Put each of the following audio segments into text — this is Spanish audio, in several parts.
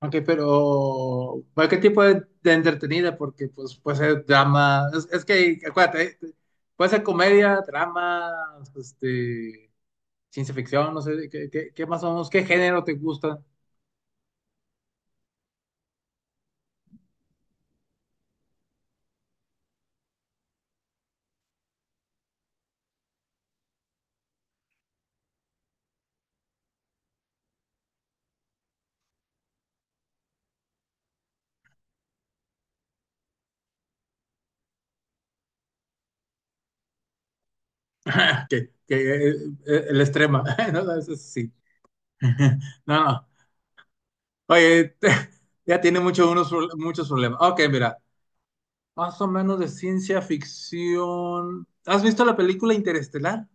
Ok, pero ¿para qué tipo de entretenida? Porque pues puede ser drama, es que acuérdate, puede ser comedia, drama, este, ciencia ficción, no sé, ¿qué más o menos, qué género te gusta? Que, que, eh, el extrema, no, no, eso sí. No, no. Oye, ya tiene mucho, muchos problemas. Ok, mira, más o menos de ciencia ficción. ¿Has visto la película Interestelar?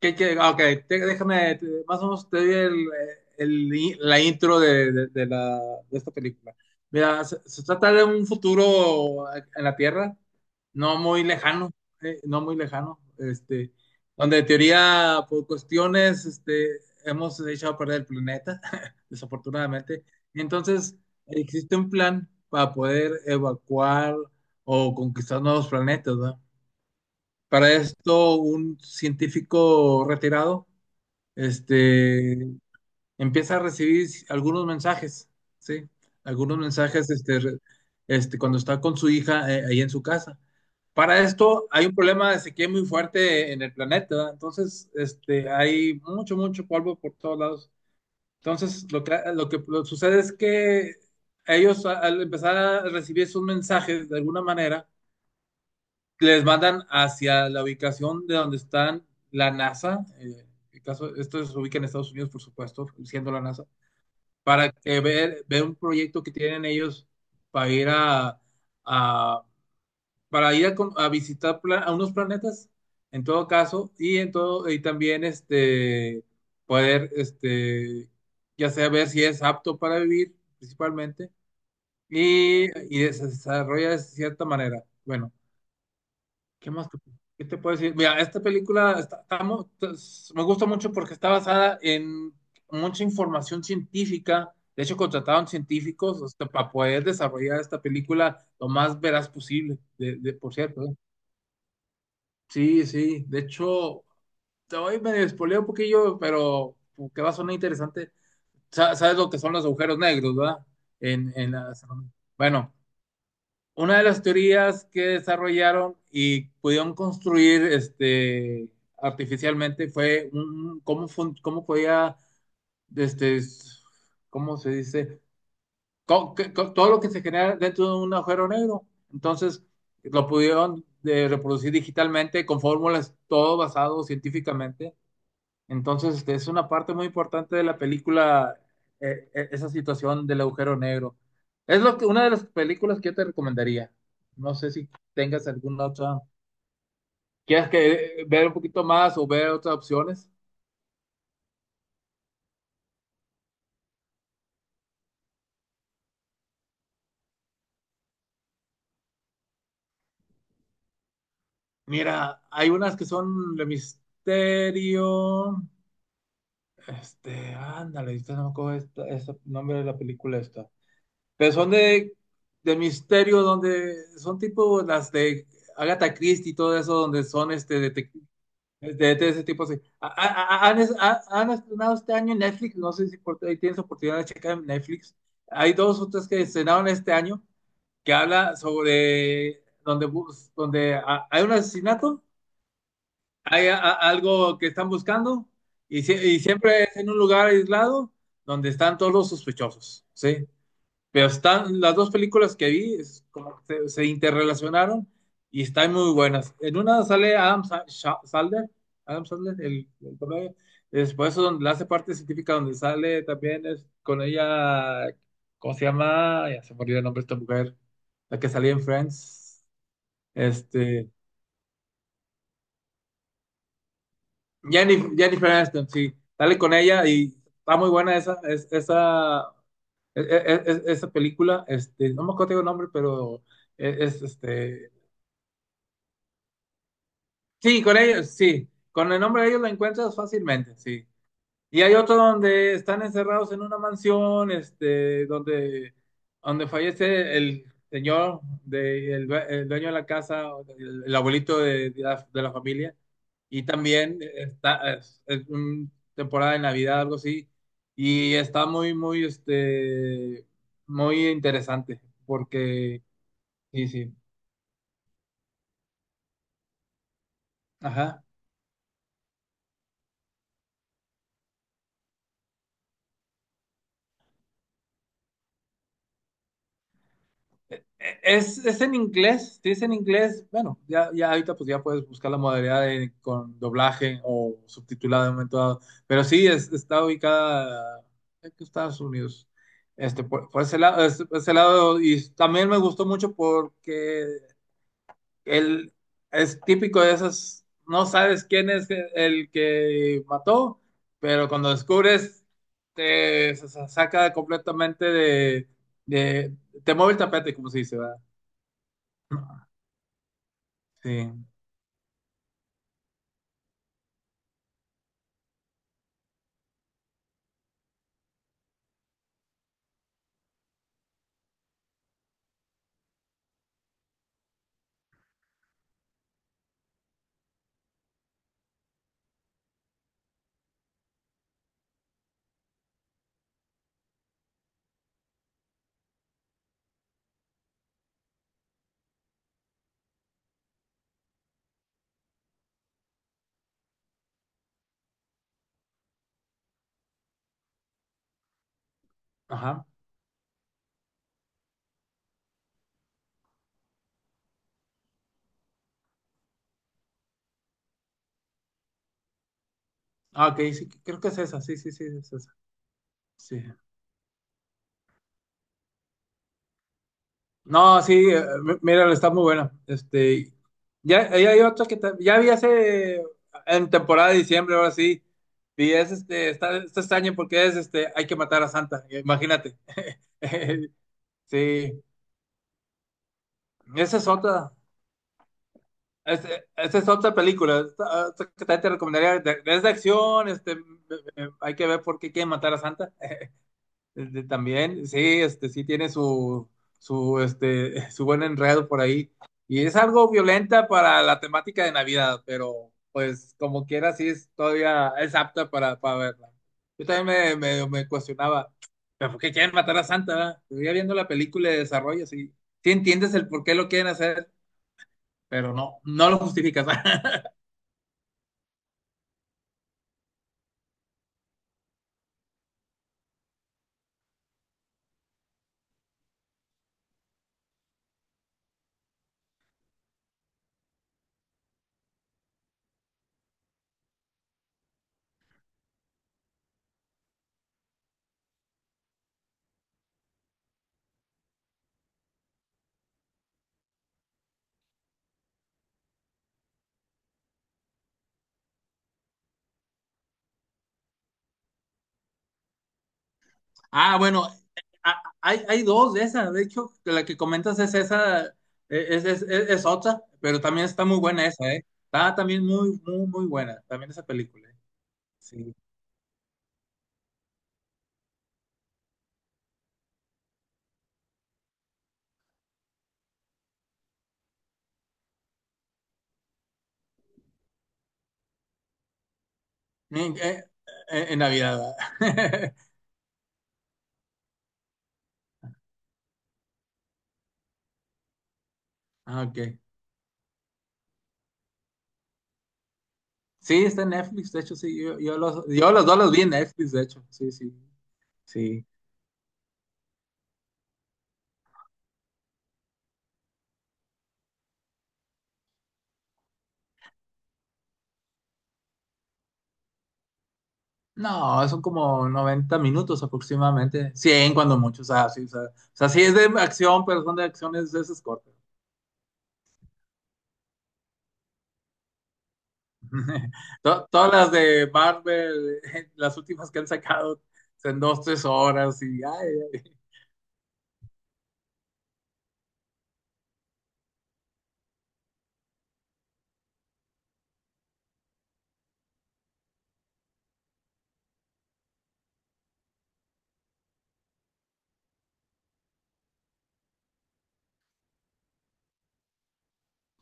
¿Qué? Ah, ok, déjame, más o menos te doy la intro de esta película. Mira, se trata de un futuro en la Tierra, no muy lejano, no muy lejano, donde en teoría, por cuestiones, hemos hecho a perder el planeta, desafortunadamente. Entonces, existe un plan para poder evacuar o conquistar nuevos planetas, ¿verdad? Para esto, un científico retirado, este, empieza a recibir algunos mensajes, ¿sí? Algunos mensajes, cuando está con su hija ahí en su casa. Para esto, hay un problema de sequía muy fuerte en el planeta, ¿verdad? Entonces, hay mucho, mucho polvo por todos lados. Entonces, lo que lo sucede es que ellos, al empezar a recibir esos mensajes, de alguna manera, les mandan hacia la ubicación de donde están la NASA, el caso, esto se ubica en Estados Unidos, por supuesto, siendo la NASA, para ver un proyecto que tienen ellos para ir a, a- para ir a visitar a unos planetas, en todo caso, y en todo, y también poder ya sea ver si es apto para vivir, principalmente, y, y se desarrolla de cierta manera. Bueno. ¿Qué más? ¿Qué te puedo decir? Mira, esta película me gusta mucho porque está basada en mucha información científica. De hecho, contrataron científicos, para poder desarrollar esta película lo más veraz posible, por cierto, ¿eh? Sí, sí. De hecho, te voy medio spoileo un poquillo, pero que va a sonar interesante. Sabes lo que son los agujeros negros, ¿verdad? En, en la- Bueno, una de las teorías que desarrollaron y pudieron construir, artificialmente, fue cómo podía, este, s- ¿cómo se dice? Todo lo que se genera dentro de un agujero negro. Entonces, lo pudieron de reproducir digitalmente con fórmulas, todo basado científicamente. Entonces, es una parte muy importante de la película, esa situación del agujero negro. Una de las películas que yo te recomendaría. No sé si tengas alguna otra. ¿Quieres que ver un poquito más o ver otras opciones? Mira, hay unas que son de misterio. Ándale, ahorita no me acuerdo este nombre de la película esta. Pero son de misterio, donde son tipo las de Agatha Christie y todo eso, donde son De ese tipo, sí. Han estrenado este año en Netflix, no sé si ahí tienes oportunidad de checar en Netflix. Hay dos o tres que estrenaron este año, que habla sobre donde hay un asesinato, hay algo que están buscando y siempre es en un lugar aislado donde están todos los sospechosos, ¿sí? Pero están las dos películas que vi, es como que se interrelacionaron y están muy buenas. En una sale Adam Sandler, el comedia. Después donde la hace parte científica, donde sale también es con ella, ¿cómo se llama? Ya se me olvidó el nombre de esta mujer, la que salía en Friends. Este, Jennifer Aniston, sí, sale con ella y está muy buena esa, esa película. No me acuerdo el nombre, pero es. Sí, con ellos, sí. Con el nombre de ellos la encuentras fácilmente, sí. Y hay otro donde están encerrados en una mansión, donde fallece el señor, el dueño de la casa, el abuelito de la familia. Y también es un temporada de Navidad, algo así. Y está muy, muy, muy interesante, sí, sí. Ajá. Es en inglés, si es en inglés, bueno, ya, ya ahorita pues ya puedes buscar la modalidad con doblaje o subtitulado en un momento dado, pero sí, está ubicada en Estados Unidos, por ese lado, y también me gustó mucho porque él es típico de esas, no sabes quién es el que mató, pero cuando descubres, se saca completamente de- te mueve el tapete, como se dice, ¿verdad? Ah, sí, ajá. Ah, ok, sí, creo que es esa, sí, sí, sí, es esa. Sí. No, sí, míralo, está muy buena. Ya, ya hay otra que ya vi hace en temporada de diciembre, ahora sí. Y es está extraño porque es hay que matar a Santa, imagínate. Sí, esa es otra, esa es otra película, esta que también te recomendaría, es de acción, hay que ver por qué quieren matar a Santa. También, sí, sí tiene su, su buen enredo por ahí. Y es algo violenta para la temática de Navidad, pero pues como quiera, sí es todavía, es apta para verla. Yo también me cuestionaba, ¿pero por qué quieren matar a Santa, verdad? Pero ya viendo la película de desarrollo, sí entiendes el por qué lo quieren hacer, pero no, no lo justificas. Ah, bueno, hay dos de esas, de hecho, la que comentas es esa, es otra, pero también está muy buena esa, ¿eh? Está también muy, muy, muy buena, también esa película, ¿eh? Sí. En, eh, en Navidad, ¿verdad? Ah, ok. Sí, está en Netflix, de hecho, sí, yo los dos los vi en Netflix, de hecho, sí, sí, sí. No, son como 90 minutos aproximadamente, 100 cuando mucho. O sea, sí, o sea, sí es de acción, pero son de acciones de esas cortas. Todas las de Marvel, las últimas que han sacado, en 2, 3 horas. Y ay, ay.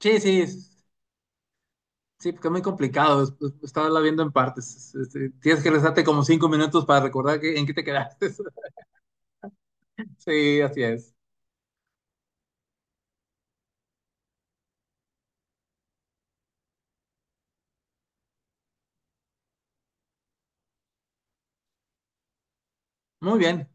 Sí, sí, sí, porque es muy complicado. Estarla viendo en partes. Tienes que rezarte como 5 minutos para recordar en qué te quedaste. Sí, así es. Muy bien.